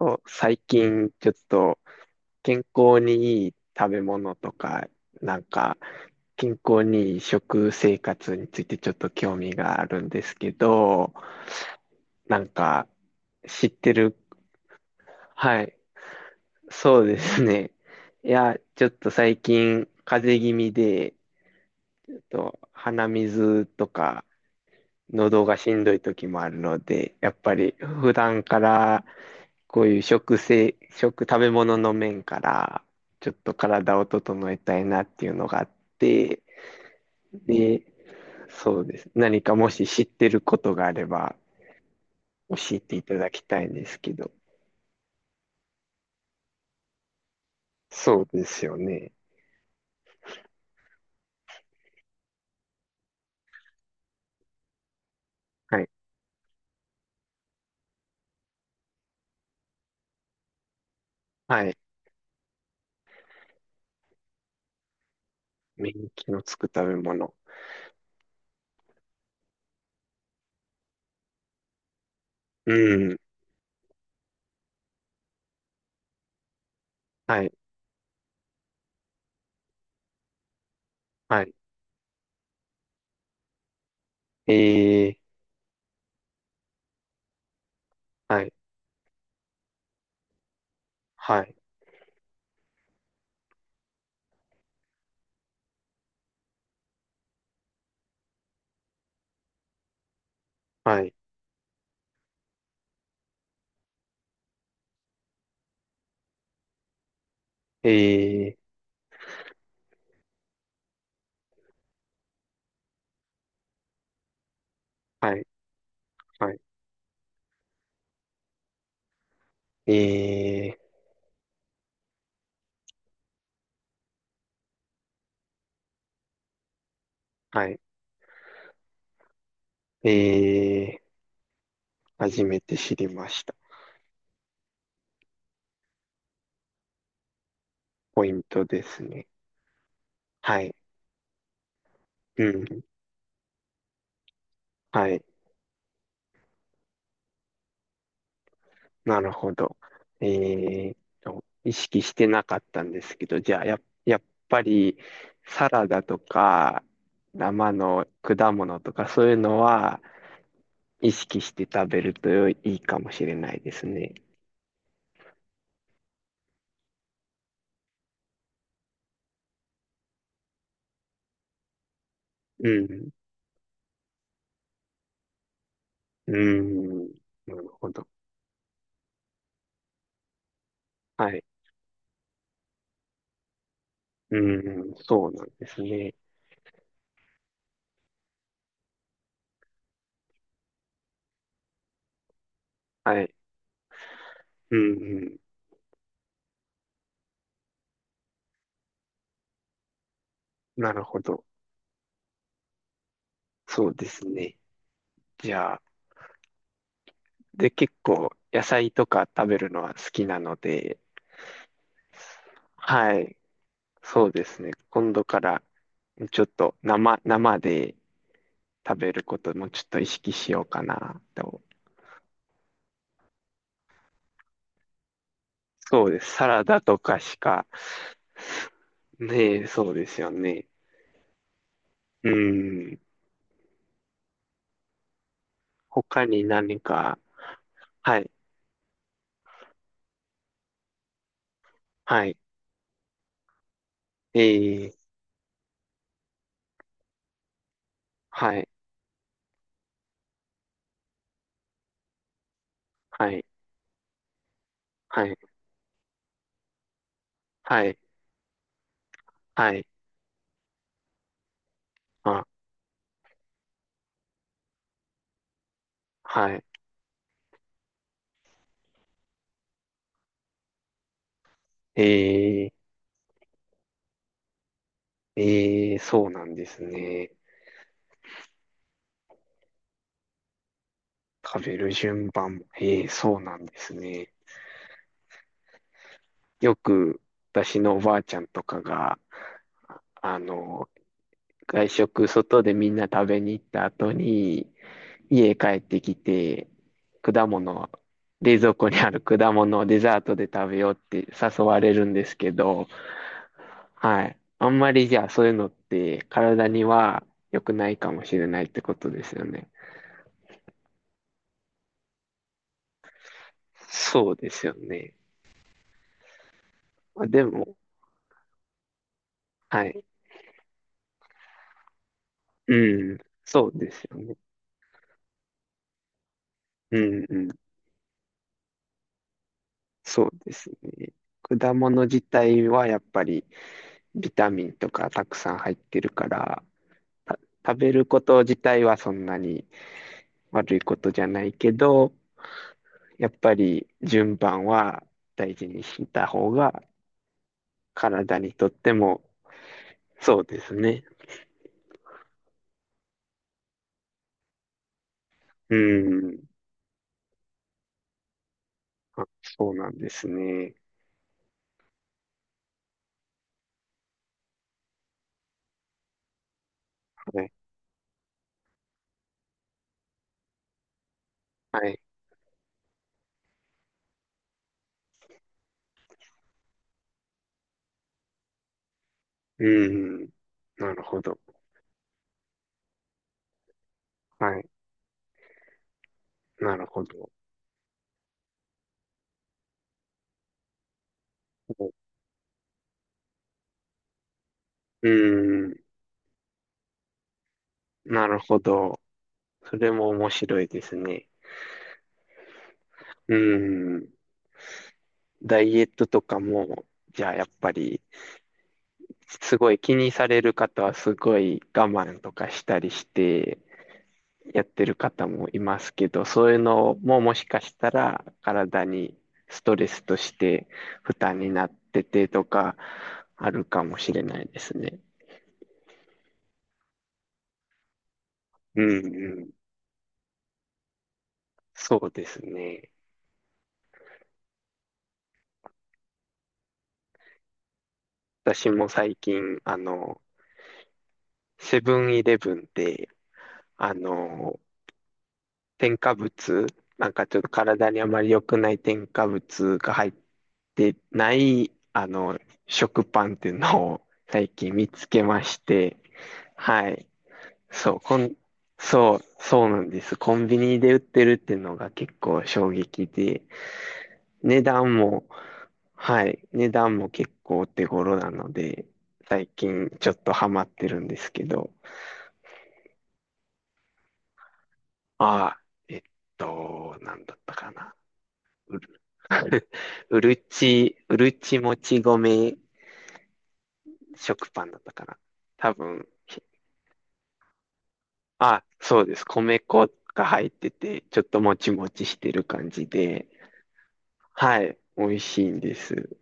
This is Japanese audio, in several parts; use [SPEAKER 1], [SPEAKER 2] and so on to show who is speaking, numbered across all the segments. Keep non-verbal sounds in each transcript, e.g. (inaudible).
[SPEAKER 1] そう最近ちょっと健康にいい食べ物とか、なんか健康にいい食生活についてちょっと興味があるんですけど、なんか知ってる、はい、そうですね。いや、ちょっと最近風邪気味で、ちょっと鼻水とか喉がしんどい時もあるので、やっぱり普段からこういう食生、食、食べ物の面からちょっと体を整えたいなっていうのがあって、で、そうです。何かもし知ってることがあれば教えていただきたいんですけど。そうですよね。はい。はい。免疫のつく食べ物。うん。はい。はい。えー、はい。はい。はい。えー、はい。はい。えーはい。えー、初めて知りました。ポイントですね。はい。うん。はい。なるほど。えーと、意識してなかったんですけど、じゃあ、やっぱり、サラダとか、生の果物とか、そういうのは、意識して食べるといいかもしれないですね。うん。うん。なるほど。はい。うん。そうなんですね。はい。うん。うんなるほど。そうですね。じゃあ、で、結構野菜とか食べるのは好きなので、はい、そうですね。今度からちょっと生、生で食べることもちょっと意識しようかなと。そうです。サラダとかしか、ねえ、そうですよね。うん。他に何か、はい、はい、ええ、はい、はい、はい、はい、はい、あ、はい、ええ、ええ、そうなんですね。食べる順番も、ええ、そうなんですね。よく私のおばあちゃんとかが、あの、外食、外でみんな食べに行った後に、家帰ってきて、果物、冷蔵庫にある (laughs) 果物をデザートで食べようって誘われるんですけど、はい。あんまりじゃあそういうのって体には良くないかもしれないってことですよね。そうですよね。まあ、でも、はい。うん、そうですよね。うんうん。そうですね。果物自体はやっぱりビタミンとかたくさん入ってるから、た食べること自体はそんなに悪いことじゃないけど、やっぱり順番は大事にした方が体にとってもそうですね。うん。あ、そうなんですね。はい。はい。うん。なるほど。はい。なるほど。うん。なるほど。それも面白いですね。うん。ダイエットとかも、じゃあやっぱり、すごい気にされる方はすごい我慢とかしたりしてやってる方もいますけど、そういうのももしかしたら体にストレスとして負担になっててとかあるかもしれないですね。うんうん。そうですね。私も最近、あの、セブンイレブンで、あの、添加物、なんかちょっと体にあまり良くない添加物が入ってない、あの、食パンっていうのを最近見つけまして、はい。そう、こん、そう、そうなんです。コンビニで売ってるっていうのが結構衝撃で、値段も、はい、値段も結構お手頃なので、最近ちょっとハマってるんですけど、ああ、えっと、なんだったかな。うる (laughs) うるちもち米食パンだったかな。多分、あ、そうです。米粉が入ってて、ちょっともちもちしてる感じで、はい、美味しいんです。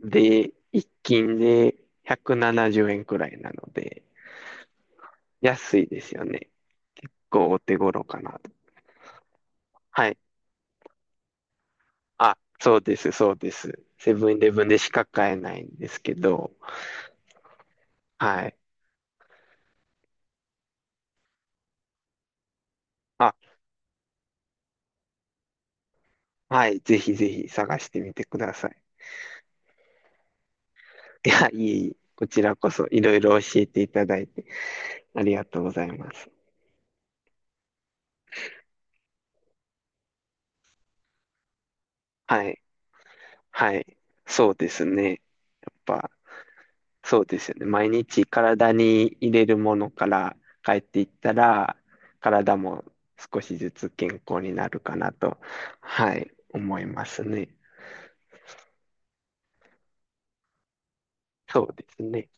[SPEAKER 1] で、一斤で170円くななじゅうえんくらいなので、安いですよね。結構お手頃かなと。はい。あ、そうです、そうです。セブンイレブンでしか買えないんですけど、はい。あ、はい、ぜひぜひ探してみてください。(laughs) いや、いえいえ、こちらこそいろいろ教えていただいてありがとうございます。はい、はい、そうですね。やっぱ、そうですよね。毎日体に入れるものから帰っていったら、体も少しずつ健康になるかなと、はい、思いますね。そうですね。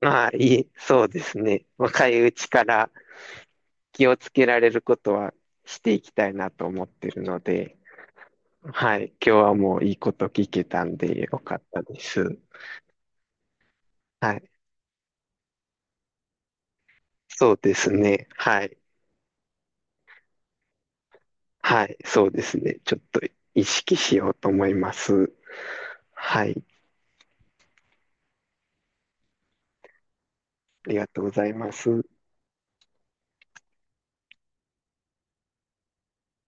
[SPEAKER 1] まあ、いい、そうですね。若いうちから気をつけられることはしていきたいなと思ってるので、はい。今日はもういいこと聞けたんでよかったです。はい。そうですね。はい。はい。そうですね。ちょっと意識しようと思います。はい。ありがとうございます。